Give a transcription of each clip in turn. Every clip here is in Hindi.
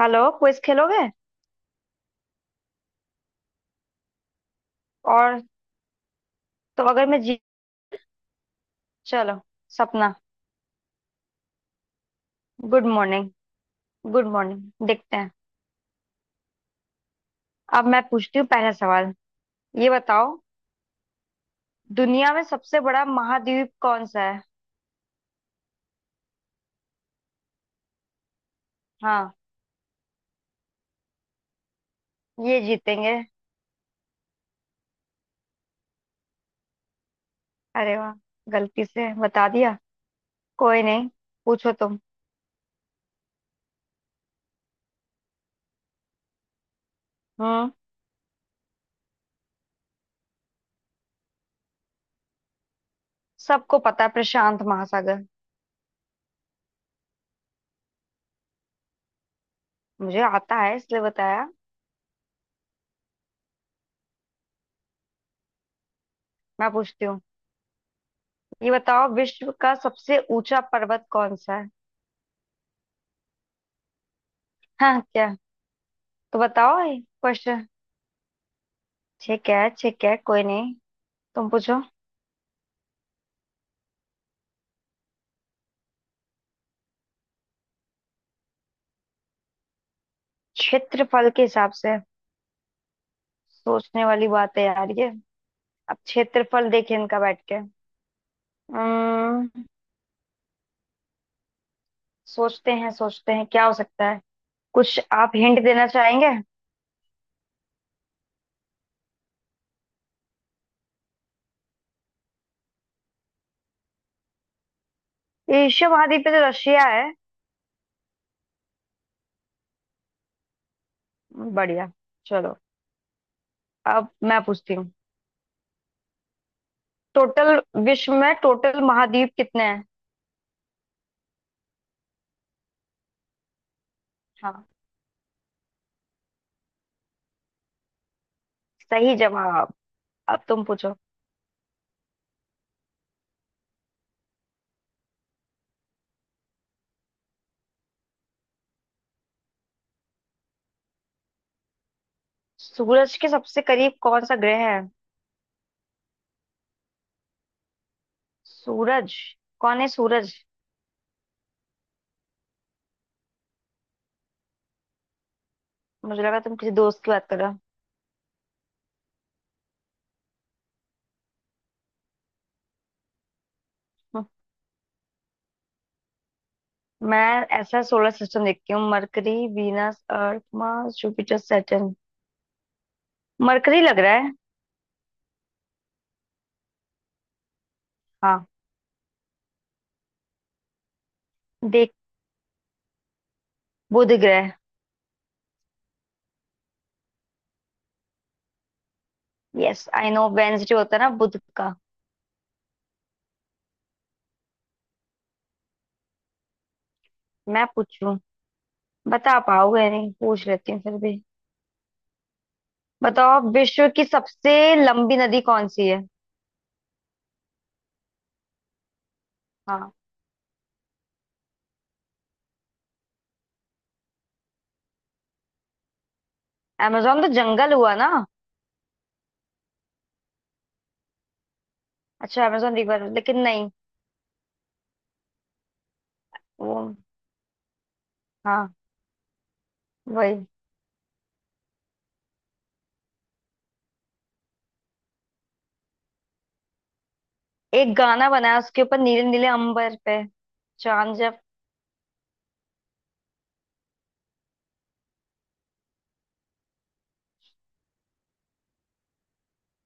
हेलो, क्विज खेलोगे। और? तो अगर मैं जीत। चलो। सपना। Good morning. गुड मॉर्निंग, देखते हैं। अब मैं पूछती हूँ पहला सवाल। ये बताओ, दुनिया में सबसे बड़ा महाद्वीप कौन सा है। हाँ। ये जीतेंगे। अरे वाह, गलती से बता दिया। कोई नहीं, पूछो तुम। हम्म। सबको पता है, प्रशांत महासागर। मुझे आता है इसलिए बताया। मैं पूछती हूँ। ये बताओ, विश्व का सबसे ऊंचा पर्वत कौन सा है। हाँ क्या? तो बताओ क्वेश्चन। ठीक है ठीक है, कोई नहीं। तुम पूछो। क्षेत्रफल के हिसाब से? सोचने वाली बात है यार ये। अब क्षेत्रफल देखें इनका बैठ के। अम्म, सोचते हैं, सोचते हैं क्या हो सकता है। कुछ आप हिंट देना चाहेंगे? एशिया महाद्वीप पे तो रशिया है। बढ़िया। चलो अब मैं पूछती हूँ। टोटल विश्व में टोटल महाद्वीप कितने हैं? हाँ। सही जवाब। अब तुम पूछो। सूरज के सबसे करीब कौन सा ग्रह है? सूरज? कौन है सूरज? मुझे लगा तुम किसी दोस्त की बात कर रहे हो। हम्म। मैं ऐसा सोलर सिस्टम देखती हूँ। Mercury, Venus, Earth, Mars, Jupiter, Saturn. Mercury लग रहा है। हाँ। देख, बुध ग्रह। यस आई नो, वेंसडे होता है ना बुध का। मैं पूछूं? बता पाओगे नहीं, पूछ लेती हूँ फिर भी। बताओ, विश्व की सबसे लंबी नदी कौन सी है? हाँ। amazon तो जंगल हुआ ना। अच्छा, amazon रिवर, लेकिन नहीं। वो। हाँ, वही। एक गाना बनाया उसके ऊपर, नीले नीले अंबर पे चांद।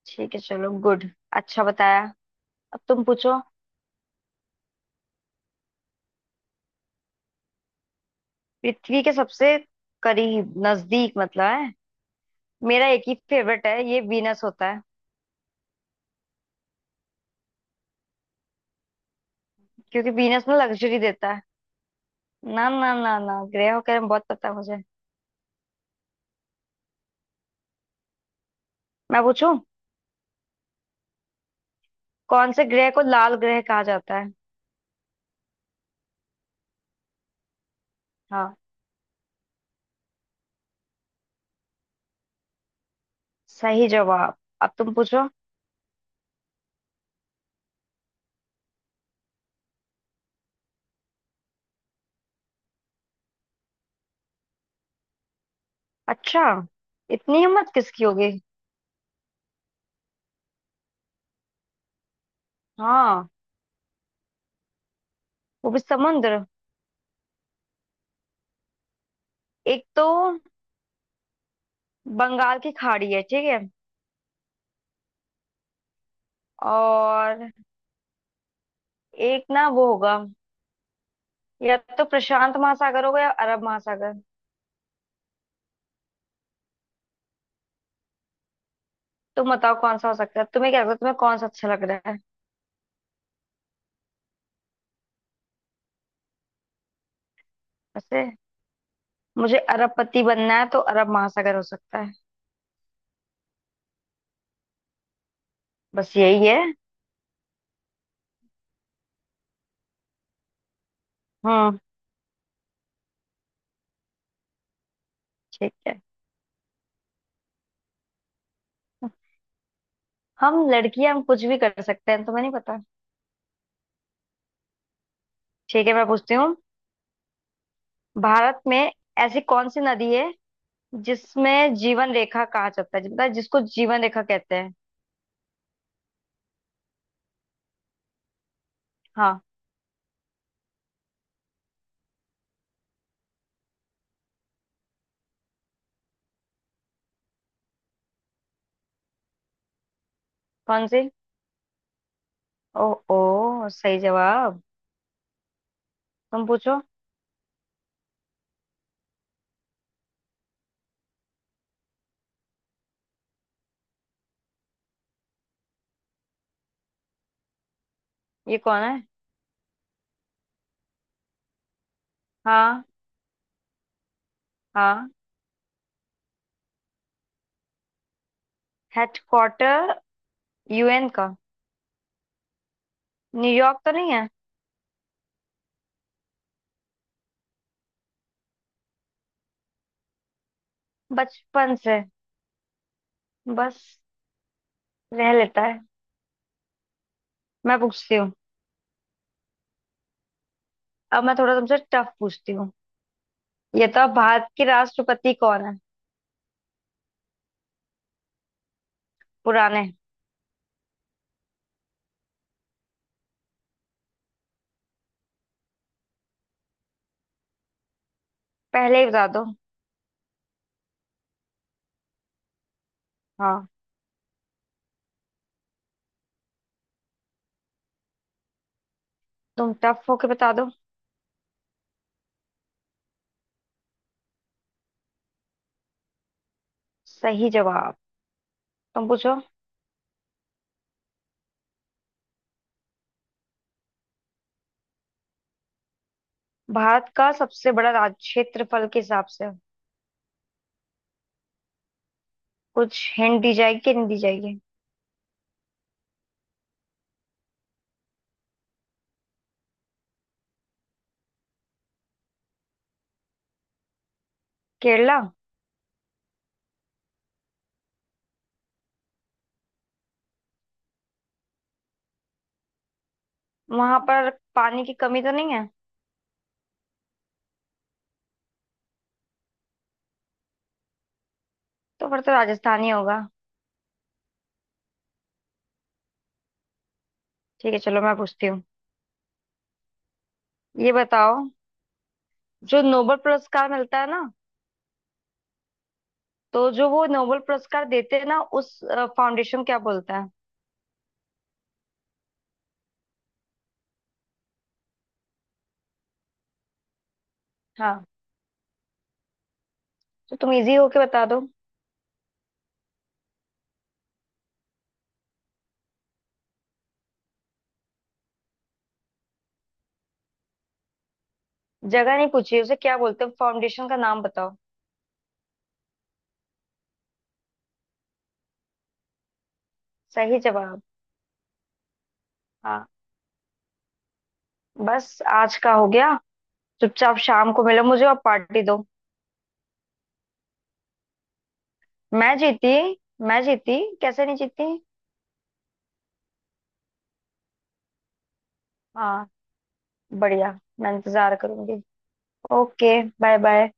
ठीक है, चलो गुड। अच्छा बताया। अब तुम पूछो। पृथ्वी के सबसे करीब, नजदीक मतलब है? मेरा एक ही फेवरेट है, ये वीनस होता है। क्योंकि वीनस में लग्जरी देता है। ना ना ना ना, ग्रहों के बारे में बहुत पता है मुझे। मैं पूछूं? कौन से ग्रह को लाल ग्रह कहा जाता है? हाँ। सही जवाब। अब तुम पूछो। अच्छा। इतनी हिम्मत किसकी होगी? हाँ। वो भी समुद्र। एक तो बंगाल की खाड़ी है, ठीक है। और एक ना वो होगा, या तो प्रशांत महासागर होगा या अरब महासागर। तुम बताओ कौन सा हो सकता है, तुम्हें क्या लगता है, तुम्हें कौन सा अच्छा लग रहा है? वैसे, मुझे अरबपति बनना है तो अरब महासागर हो सकता है। बस यही है। हम्म। ठीक है। हम लड़कियां, हम कुछ भी कर सकते हैं, तुम्हें नहीं पता। ठीक है, मैं पूछती हूँ। भारत में ऐसी कौन सी नदी है जिसमें जीवन रेखा कहा जाता है, मतलब जिसको जीवन रेखा कहते हैं? हाँ। कौन सी? ओ। ओ, सही जवाब। तुम पूछो। ये कौन है? हाँ। हाँ। हेडक्वार्टर, यूएन का? न्यूयॉर्क तो नहीं है? बचपन से बस रह लेता है। मैं पूछती हूँ। अब मैं थोड़ा तुमसे टफ पूछती हूँ। ये तो अब, भारत के राष्ट्रपति कौन है? पुराने। पहले ही बता दो। हाँ। तुम टफ होके बता दो। सही जवाब। तुम पूछो। भारत का सबसे बड़ा राज्य क्षेत्रफल के हिसाब से? कुछ हिंट दी जाएगी कि नहीं दी जाएगी? केरला। वहां पर पानी की कमी तो नहीं है? तो फिर तो राजस्थान ही होगा। ठीक है चलो, मैं पूछती हूँ। ये बताओ, जो नोबेल पुरस्कार मिलता है ना, तो जो वो नोबेल पुरस्कार देते हैं ना, उस फाउंडेशन क्या बोलता है? हाँ, तो तुम इजी होके बता दो। जगह नहीं पूछी, उसे क्या बोलते हैं, फाउंडेशन का नाम बताओ। सही जवाब। हाँ। बस, आज का हो गया। चुपचाप शाम को मिलो मुझे और पार्टी दो। मैं जीती। मैं जीती, कैसे नहीं जीती। हाँ, बढ़िया, मैं इंतजार करूंगी। Okay, bye bye.